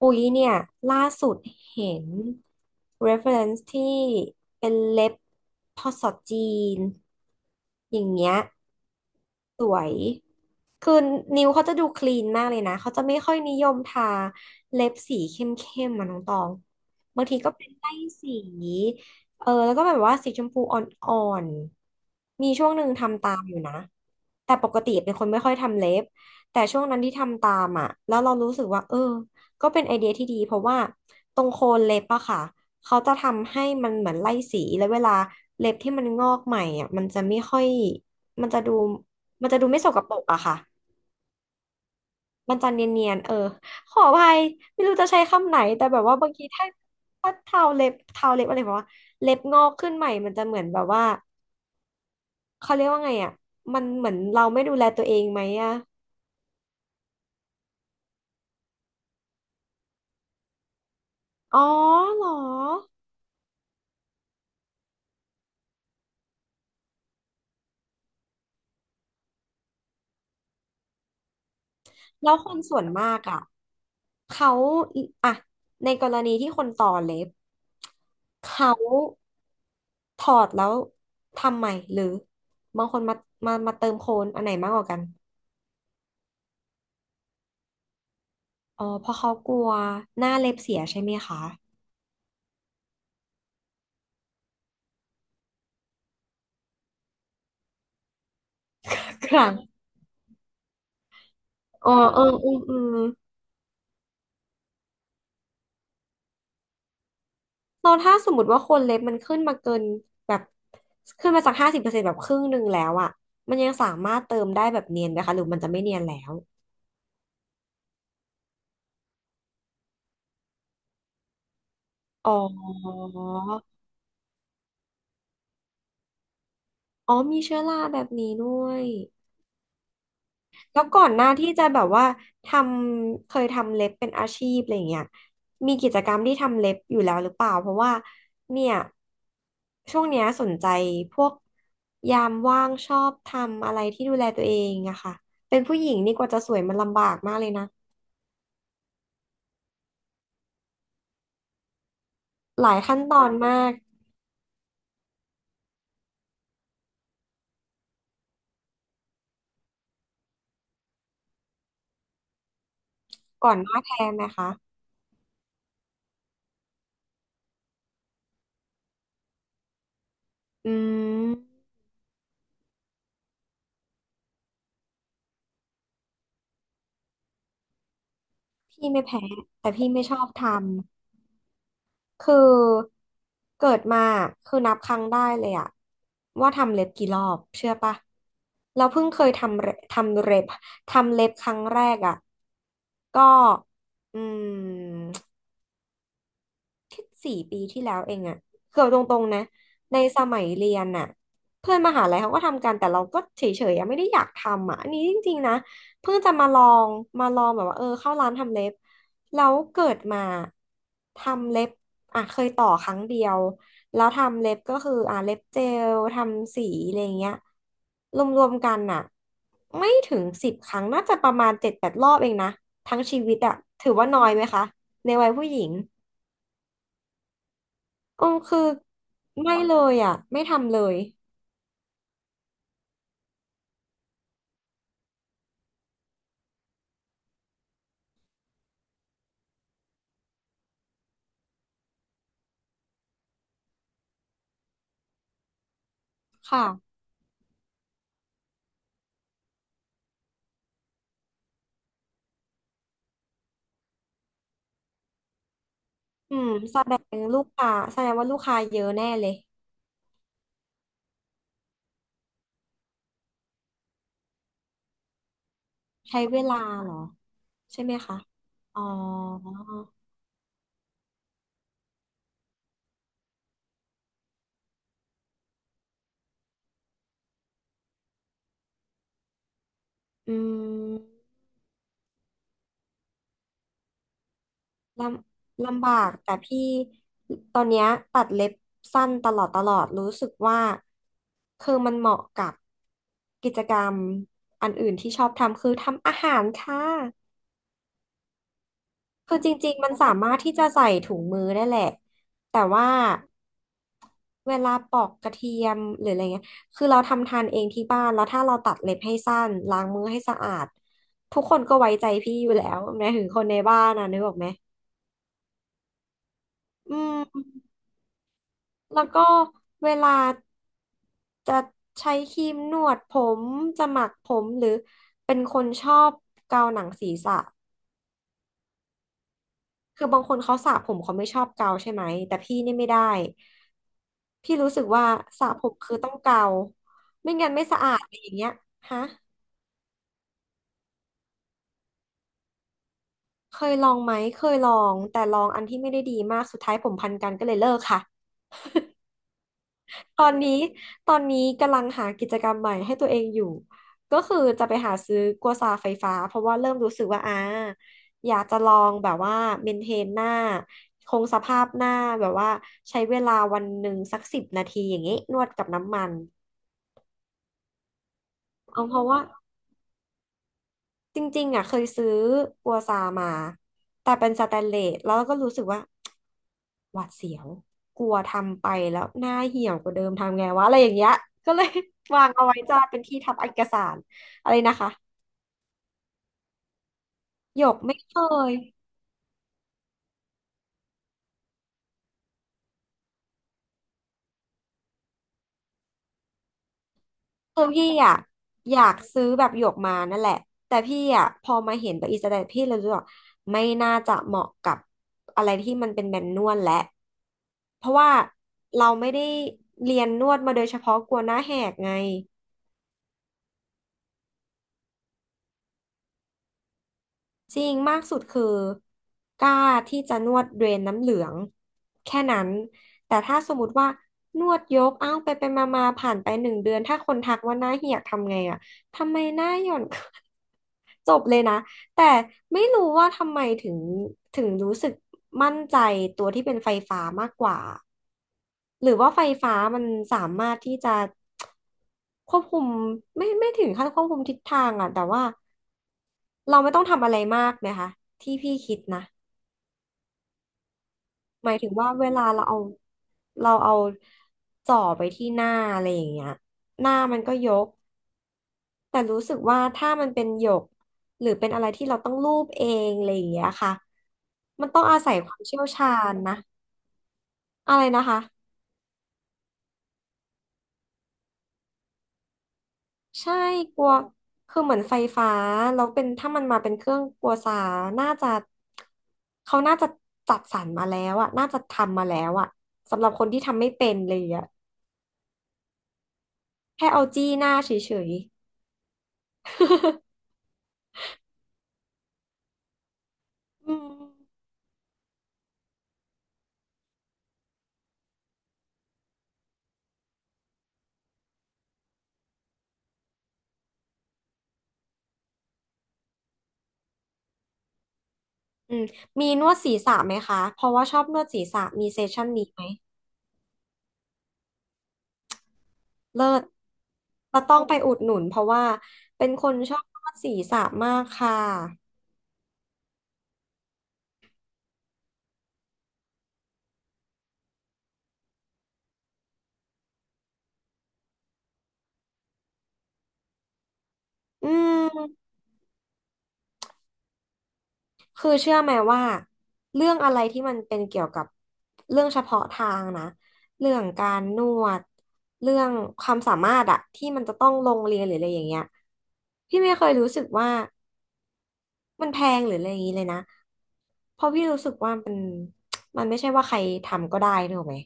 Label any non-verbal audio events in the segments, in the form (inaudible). อุ๊ยเนี่ยล่าสุดเห็น reference ที่เป็นเล็บพอสอจีนอย่างเงี้ย สวยคือนิ้วเขาจะดูคลีนมากเลยนะเขาจะไม่ค่อยนิยมทาเล็บสีเข้มๆมาน้องตองบางทีก็เป็นไล่สีเออแล้วก็แบบว่าสีชมพูอ่อนๆมีช่วงหนึ่งทำตามอยู่นะแต่ปกติเป็นคนไม่ค่อยทำเล็บแต่ช่วงนั้นที่ทำตามอ่ะแล้วเรารู้สึกว่าเออก็เป็นไอเดียที่ดีเพราะว่าตรงโคนเล็บอะค่ะเขาจะทำให้มันเหมือนไล่สีแล้วเวลาเล็บที่มันงอกใหม่อ่ะมันจะไม่ค่อยมันจะดู มันจะดูไม่สกปรกอะค่ะ มันจะเนียนๆเออขออภัยไม่รู้จะใช้คำไหน แต่แบบว่าบางทีถ้าเทาเล็บเทาเล็บอะไรแบบว่าเล็บงอกขึ้นใหม่มันจะเหมือนแบบว่าเขาเรียกว่าไงอะมันเหมือนเราไม่ดูแลตัวเองไหมอะอ๋อเหรอแล้วคนส่วนมากอะเขาอะในกรณีที่คนต่อเล็บเขาถอดแล้วทำใหม่หรือบางคนมาเติมโคนอันไหนมากกว่ากัน อ๋อเพราะเขากลัวหน้าเล็บเสียใช่ไหมคะ (laughs) ครั้งอ๋อเอออืมอืมเราถ้าสมมติว่าคนเล็บมันขึ้นมาเกินแบบขึ้นมาจาก50%แบบครึ่งหนึ่งแล้วอ่ะมันยังสามารถเติมได้แบบเนียนไหมคะหรือมันจะไม่เนียนแล้วอ๋ออ๋อมีเชื้อราแบบนี้ด้วย แล้วก่อนหน้าที่จะแบบว่าทำเคยทำเล็บเป็นอาชีพอะไรอย่างเงี้ยมีกิจกรรมที่ทำเล็บอยู่แล้วหรือเปล่าเพราะว่าเนี่ยช่วงเนี้ยสนใจพวกยามว่างชอบทำอะไรที่ดูแลตัวเองอะค่ะเป็นผู้หญิงนี่กว่าจะสวยมันลำบากมากเลยนะหลายขั้นตอนมากก่อนหน้าแพ้ไหมคะอืมพี่ไม่แพ้แต่พี่ไม่ชอบทำ คือเกิดมาคือนับครั้งได้เลยอะว่าทำเล็บกี่รอบเชื่อปะเราเพิ่งเคยทำเล็บครั้งแรกอะก็อืม แค่4 ปีที่แล้วเองอะเกือบตรงๆนะในสมัยเรียนอะเพื่อนมหาลัยเขาก็ทำกันแต่เราก็เฉยๆอะไม่ได้อยากทำอะอันนี้จริงๆนะเพิ่งจะมาลองแบบว่าเออเข้าร้านทำเล็บแล้วเกิดมาทำเล็บอ่ะเคยต่อครั้งเดียวแล้วทำเล็บก็คืออ่ะเล็บเจลทำสีอะไรเงี้ยรวมๆกันอะไม่ถึง10 ครั้งน่าจะประมาณ7-8 รอบเองนะทั้งชีวิตอะถือว่าน้อยไหมคะในวัยผู้หญิง เออคือไม่เลยอ่ะไม่ทำเลยค่ะอืมแสดงลูกค้าแสดงว่าลูกค้าเยอะแน่เลยใช้เวลาเหรอใช่ไหมคะอ๋ออืมลลำบากแต่พี่ตอนเนี้ยตัดเล็บสั้นตลอดรู้สึกว่าคือมันเหมาะกับกิจกรรมอันอื่นที่ชอบทำคือทำอาหารค่ะคือจริงๆมันสามารถที่จะใส่ถุงมือได้แหละแต่ว่า เวลาปอกกระเทียมหรืออะไรเงี้ยคือเราทำทานเองที่บ้าน แล้วถ้าเราตัดเล็บให้สั้น ล้างมือให้สะอาด ทุกคนก็ไว้ใจพี่อยู่แล้วแม้ถึงคนในบ้านนะนึกออกไหมอืมแล้วก็เวลาจะใช้ครีมนวดผม จะหมักผมหรือเป็นคนชอบเกาหนังศีรษะคือบางคนเขาสระผมเขาไม่ชอบเกาใช่ไหมแต่พี่นี่ไม่ได้พี่รู้สึกว่าสระผมคือต้องเกาไม่งั้นไม่สะอาดอะไรอย่างเงี้ยฮะ เคยลองไหมเคยลองแต่ลองอันที่ไม่ได้ดีมากสุดท้ายผมพันกันก็เลยเลิกค่ะ ตอนนี้ตอนนี้กำลังหากิจกรรมใหม่ให้ตัวเองอยู่ ก็คือจะไปหาซื้อกัวซาไฟฟ้าเพราะว่าเริ่มรู้สึกว่าอยากจะลองแบบว่าเมนเทนหน้าคงสภาพหน้าแบบว่าใช้เวลาวันหนึ่งสัก10 นาทีอย่างนี้นวดกับน้ำมันเอาเพราะว่า จริงๆอ่ะเคยซื้อกัวซามาแต่เป็นสแตนเลสแล้วก็รู้สึกว่าหวาดเสียวกลัวทำไปแล้วหน้าเหี่ยวกว่าเดิมทำไงวะอะไรอย่างเงี้ยก็เลย (laughs) วางเอาไว้จ้าเป็นที่ทับเอกสารอะไรนะคะหยกไม่เคย คือพี่อ่ะอยากซื้อแบบหยวกมานั่นแหละแต่พี่อ่ะพอมาเห็นตัวอีสแตนพี่เลยรู้สึกว่าไม่น่าจะเหมาะกับอะไรที่มันเป็นแมนนวลและเพราะว่าเราไม่ได้เรียนนวดมาโดยเฉพาะกลัวหน้าแหกไง จริงมากสุดคือกล้าที่จะนวดเดรนน้ำเหลืองแค่นั้นแต่ถ้าสมมติว่านวดยกเอ้าไปมาผ่านไปหนึ่งเดือนถ้าคนทักว่าหน้าเหี่ยวทำไงอ่ะทำไมหน้าหย่อน (laughs) จบเลยนะแต่ไม่รู้ว่าทำไมถึงรู้สึกมั่นใจตัวที่เป็นไฟฟ้ามากกว่าหรือว่าไฟฟ้ามันสามารถที่จะควบคุมไม่ถึงขั้นควบคุมทิศทางอะแต่ว่าเราไม่ต้องทำอะไรมากไหมคะที่พี่คิดนะ หมายถึงว่าเวลาเราเอาจ่อไปที่หน้าอะไรอย่างเงี้ยหน้ามันก็ยกแต่รู้สึกว่าถ้ามันเป็นหยกหรือเป็นอะไรที่เราต้องลูบเองอะไรอย่างเงี้ยค่ะมันต้องอาศัยความเชี่ยวชาญนะอะไรนะคะใช่กลัวคือเหมือนไฟฟ้าแล้วเป็นถ้ามันมาเป็นเครื่องกลัวสาน่าจะเขาน่าจะจัดสรรมาแล้วอะน่าจะทำมาแล้วอะสำหรับคนที่ทำไม่เป็นเลยอะแค่เอาจี้หน้าเฉยๆ อืมอืมมีนวดศีรษะไหมคะเพราะว่าชอบนวดศีรษะมีเซสชั่นนี้ไหมเลิศเราต้องไปอุดหนุนเพราะว่าเป็นคนชอบนวดศีรษะมากค่ะอืมคือเชื่อไหมว่าเรื่องอะไรที่มันเป็นเกี่ยวกับเรื่องเฉพาะทางนะเรื่องการนวดเรื่องความสามารถอะที่มันจะต้องลงเรียนหรืออะไรอย่างเงี้ยพี่ไม่เคยรู้สึกว่ามันแพงหรืออะไรอย่างงี้เลยนะเพราะพี่รู้สึกว่า มันไม่ใช่ว่าใครทำก็ได้นึกออกไหม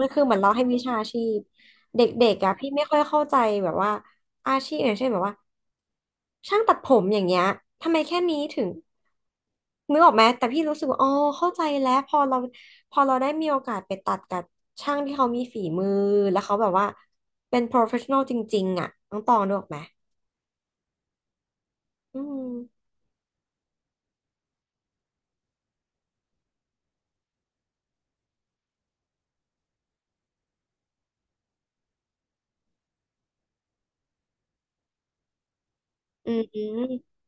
มันคือเหมือนเราให้วิชาชีพเด็กๆอะพี่ไม่ค่อยเข้าใจแบบว่าอาชีพอย่างเช่นแบบว่าช่างตัดผมอย่างเงี้ยทำไมแค่นี้ถึงนึกออกไหมแต่พี่รู้สึกว่าอ๋อเข้าใจแล้วพอเราได้มีโอกาสไปตัดกับช่างที่เขามีฝีมือแล้วเขาแบบว่าเป็น professional จริงๆอ่ะน้องตองนึกออกไหมอืมอืม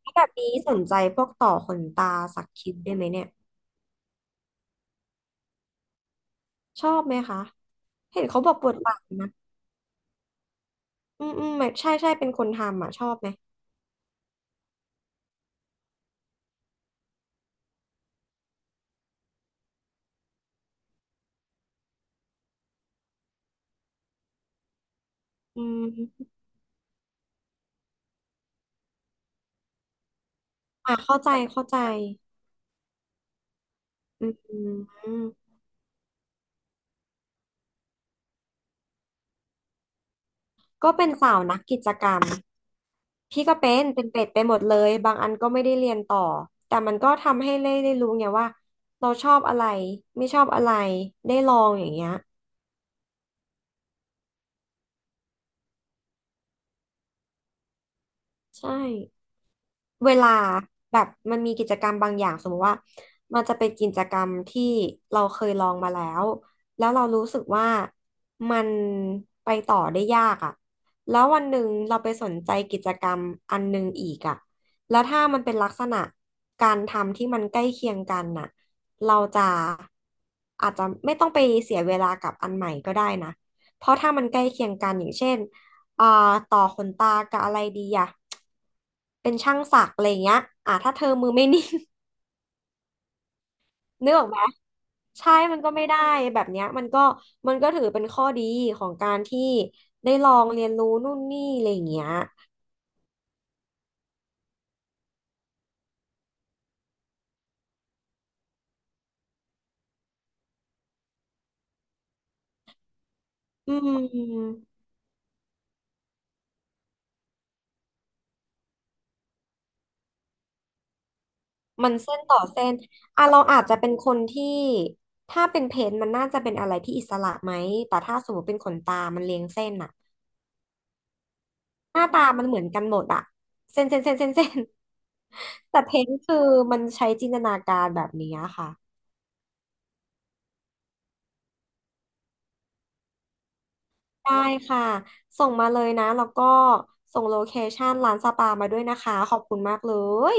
แล้วแบบนี้สนใจพวกต่อขนตาสักคิ้วได้วยไหมเนี่ยชอบไหมคะเห็นเขาบอกปวดหลังนะ อืมอืมแบบใช่ใช่เป็นคนทำอ่ะชอบไหมอืมอ่ะเข้าใจเข้าใจอืมก็เป็นสาวนักกิจกรรมพี่ก็เป็นเป็ดไปหมดเลยบางอันก็ไม่ได้เรียนต่อแต่มันก็ทำให้ได้รู้ไงว่าเราชอบอะไรไม่ชอบอะไรได้ลองอย่างเงี้ยใช่ เวลาแบบมันมีกิจกรรมบางอย่างสมมติว่ามันจะเป็นกิจกรรมที่เราเคยลองมาแล้วแล้วเรารู้สึกว่ามันไปต่อได้ยากอ่ะแล้ววันหนึ่งเราไปสนใจกิจกรรมอันหนึ่งอีกอ่ะแล้วถ้ามันเป็นลักษณะการทำที่มันใกล้เคียงกันน่ะเราจะอาจจะไม่ต้องไปเสียเวลากับอันใหม่ก็ได้นะเพราะถ้ามันใกล้เคียงกันอย่างเช่น อ่าต่อขนตากับอะไรดีอ่ะเป็นช่างสักอะไรอย่างเงี้ยถ้าเธอมือไม่นิ่ง (laughs) นึกออกไหมใช่มันก็ไม่ได้แบบเนี้ยมันก็ถือเป็นข้อดีของการที่ได้ลองเรียนรู้นู่นนี่อะไรอย่างเงี้ยอืมมันเส้นต่อเส้นอ่ะเราอาจจะเป็นคนที่ถ้าเป็นเพนท์มันน่าจะเป็นอะไรที่อิสระไหมแต่ถ้าสมมติเป็นขนตามันเรียงเส้นอะหน้าตามันเหมือนกันหมดอะเส้นเส้นเส้นเส้นเส้น แต่เพนคือมันใช้จินตนาการแบบนี้ค่ะได้ค่ะ ส่งมาเลยนะแล้วก็ส่งโลเคชันร้านสปามาด้วยนะคะขอบคุณมากเลย